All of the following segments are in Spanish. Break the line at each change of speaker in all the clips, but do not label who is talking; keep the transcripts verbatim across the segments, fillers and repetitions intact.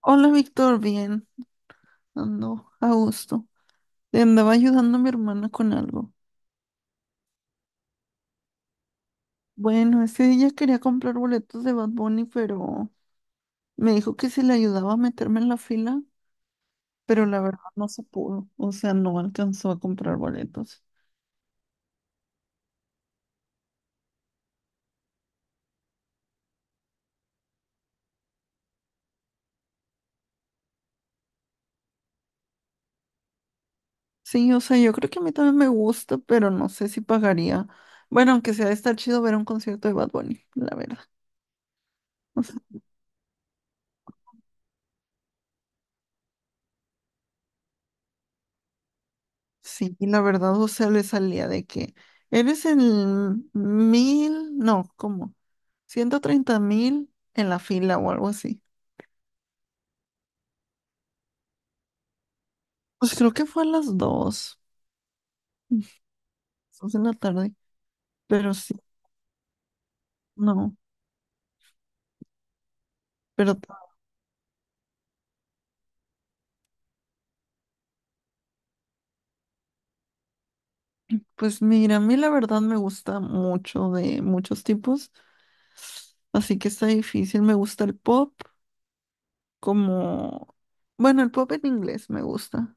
Hola, Víctor, bien, ando a gusto. Le andaba ayudando a mi hermana con algo. Bueno, es que ella quería comprar boletos de Bad Bunny, pero me dijo que si le ayudaba a meterme en la fila, pero la verdad no se pudo, o sea, no alcanzó a comprar boletos. Sí, o sea, yo creo que a mí también me gusta, pero no sé si pagaría. Bueno, aunque sea, está chido ver un concierto de Bad Bunny, la verdad. Sí, la verdad, o sea, le salía de que eres el mil, no, cómo ciento treinta mil en la fila o algo así. Pues creo que fue a las dos, dos de la tarde, pero sí, no. Pero t- pues mira, a mí la verdad me gusta mucho de muchos tipos, así que está difícil. Me gusta el pop, como, bueno, el pop en inglés me gusta.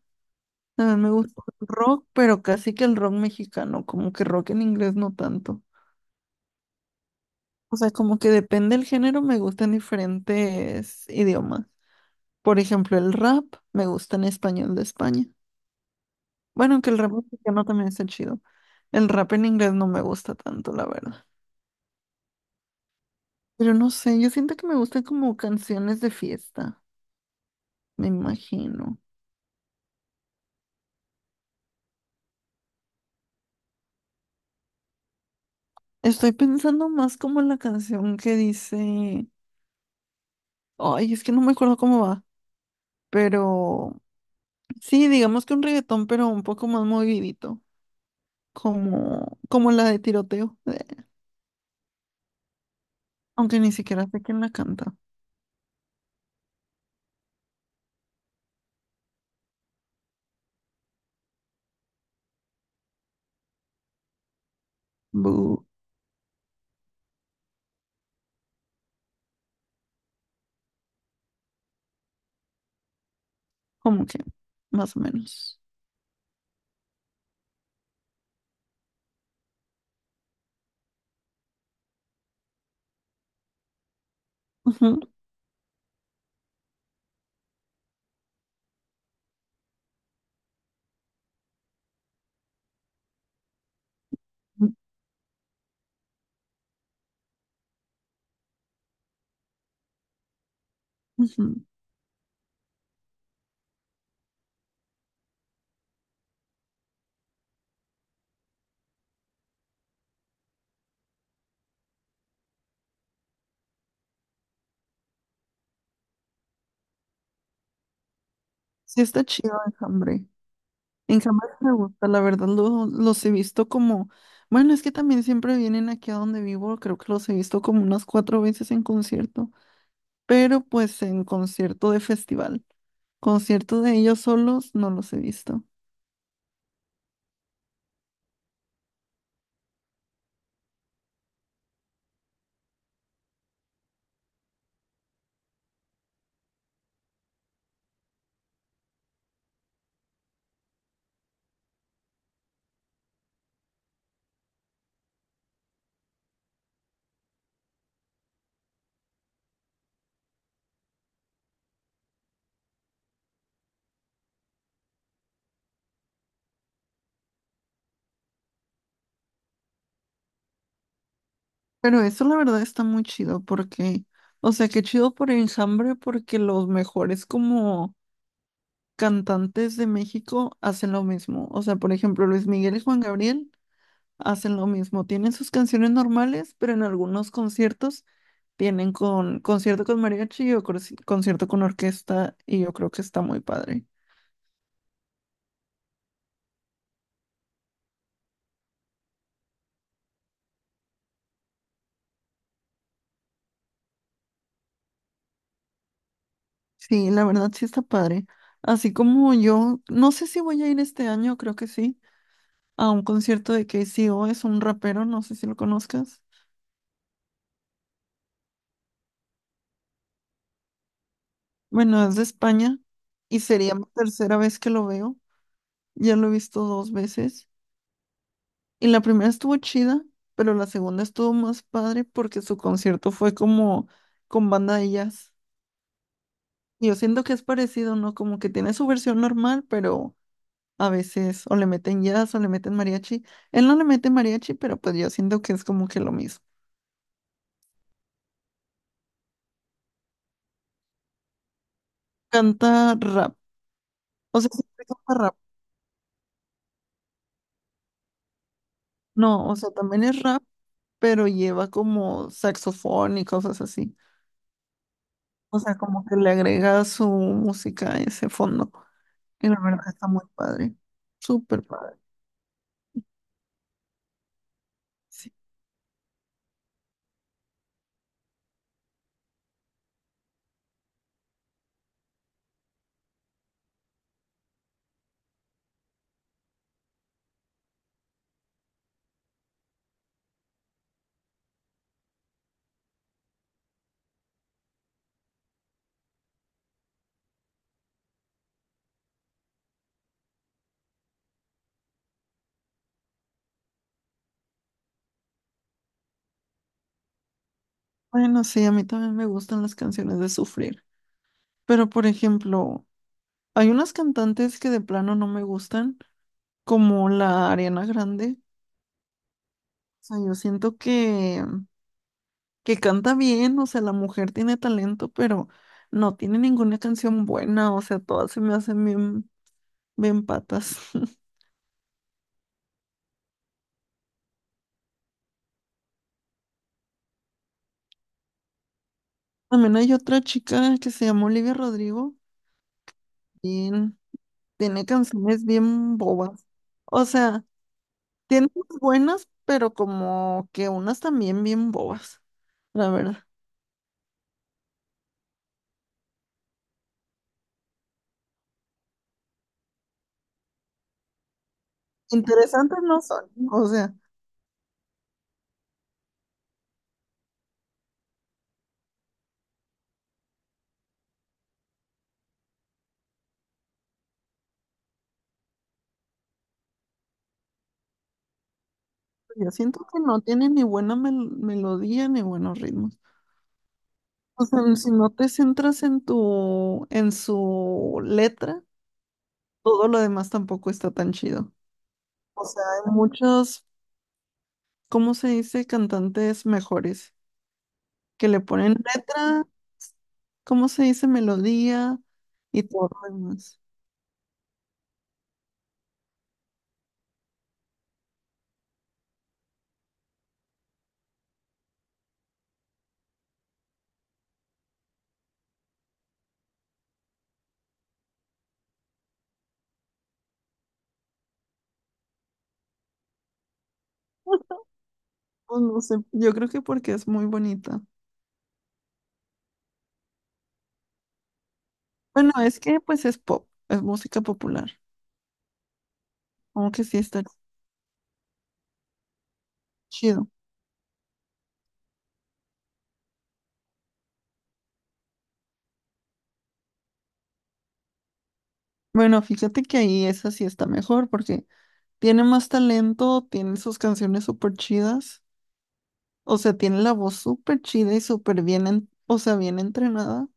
También me gusta el rock, pero casi que el rock mexicano, como que rock en inglés no tanto. O sea, como que depende del género, me gustan diferentes idiomas. Por ejemplo, el rap me gusta en español de España. Bueno, aunque el rap mexicano también está chido. El rap en inglés no me gusta tanto, la verdad. Pero no sé, yo siento que me gustan como canciones de fiesta, me imagino. Estoy pensando más como en la canción que dice... Ay, es que no me acuerdo cómo va. Pero sí, digamos que un reggaetón, pero un poco más movidito. Como, como la de tiroteo. Aunque ni siquiera sé quién la canta. Bu, como que, más o menos. Ujú, ujú. Sí está chido Enjambre. Enjambre sí me gusta, la verdad lo- los he visto como, bueno, es que también siempre vienen aquí a donde vivo, creo que los he visto como unas cuatro veces en concierto, pero pues en concierto de festival. Concierto de ellos solos no los he visto. Pero eso la verdad está muy chido porque, o sea, qué chido por Enjambre porque los mejores como cantantes de México hacen lo mismo. O sea, por ejemplo, Luis Miguel y Juan Gabriel hacen lo mismo. Tienen sus canciones normales, pero en algunos conciertos tienen con concierto con mariachi o corci- concierto con orquesta y yo creo que está muy padre. Sí, la verdad sí está padre. Así como yo, no sé si voy a ir este año, creo que sí, a un concierto de K C O es un rapero, no sé si lo conozcas. Bueno, es de España y sería mi tercera vez que lo veo. Ya lo he visto dos veces. Y la primera estuvo chida, pero la segunda estuvo más padre porque su concierto fue como con banda de jazz. Y yo siento que es parecido, ¿no? Como que tiene su versión normal, pero a veces o le meten jazz o le meten mariachi. Él no le mete mariachi, pero pues yo siento que es como que lo mismo. Canta rap, o sea, siempre canta rap. No, o sea, también es rap, pero lleva como saxofón y cosas así. O sea, como que le agrega su música a ese fondo. Y la verdad está muy padre, súper padre. Sí. Bueno, sí, a mí también me gustan las canciones de sufrir. Pero, por ejemplo, hay unas cantantes que de plano no me gustan, como la Ariana Grande. Sea, yo siento que, que canta bien, o sea, la mujer tiene talento, pero no tiene ninguna canción buena, o sea, todas se me hacen bien, bien patas. También hay otra chica que se llama Olivia Rodrigo, bien, tiene canciones bien bobas. O sea, tiene unas buenas, pero como que unas también bien bobas, la verdad. Interesantes no son, o sea, yo siento que no tiene ni buena mel- melodía ni buenos ritmos. O sea, si no te centras en tu, en su letra, todo lo demás tampoco está tan chido. O sea, hay muchos, ¿cómo se dice? Cantantes mejores que le ponen letra, ¿cómo se dice? Melodía y todo lo demás. Pues no sé, yo creo que porque es muy bonita. Bueno, es que pues es pop, es música popular, aunque sí está chido. Bueno, fíjate que ahí esa sí está mejor porque tiene más talento, tiene sus canciones súper chidas. O sea, tiene la voz súper chida y súper bien, en- o sea, bien entrenada.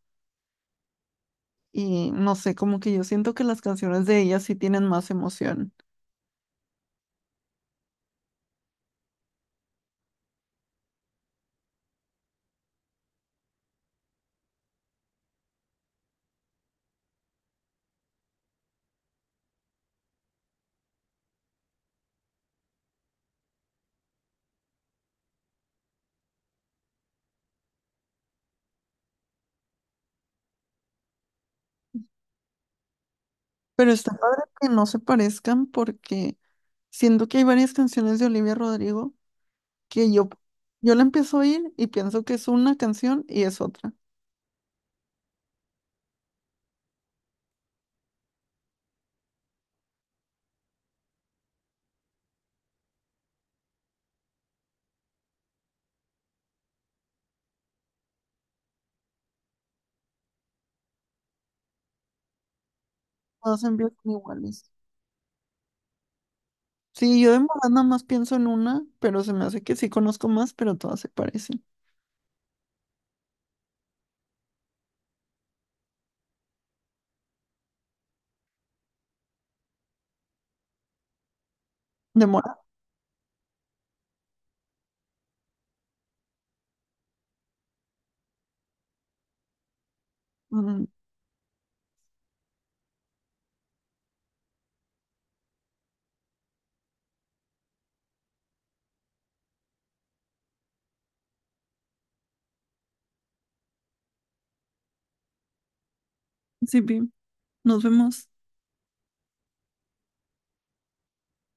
Y no sé, como que yo siento que las canciones de ella sí tienen más emoción. Pero está padre que no se parezcan porque siento que hay varias canciones de Olivia Rodrigo que yo, yo la empiezo a oír y pienso que es una canción y es otra. Todas empiezan iguales. Sí, yo de Morat nada más pienso en una, pero se me hace que sí conozco más, pero todas se parecen. De Morat. Mm, sí, Pi, nos vemos.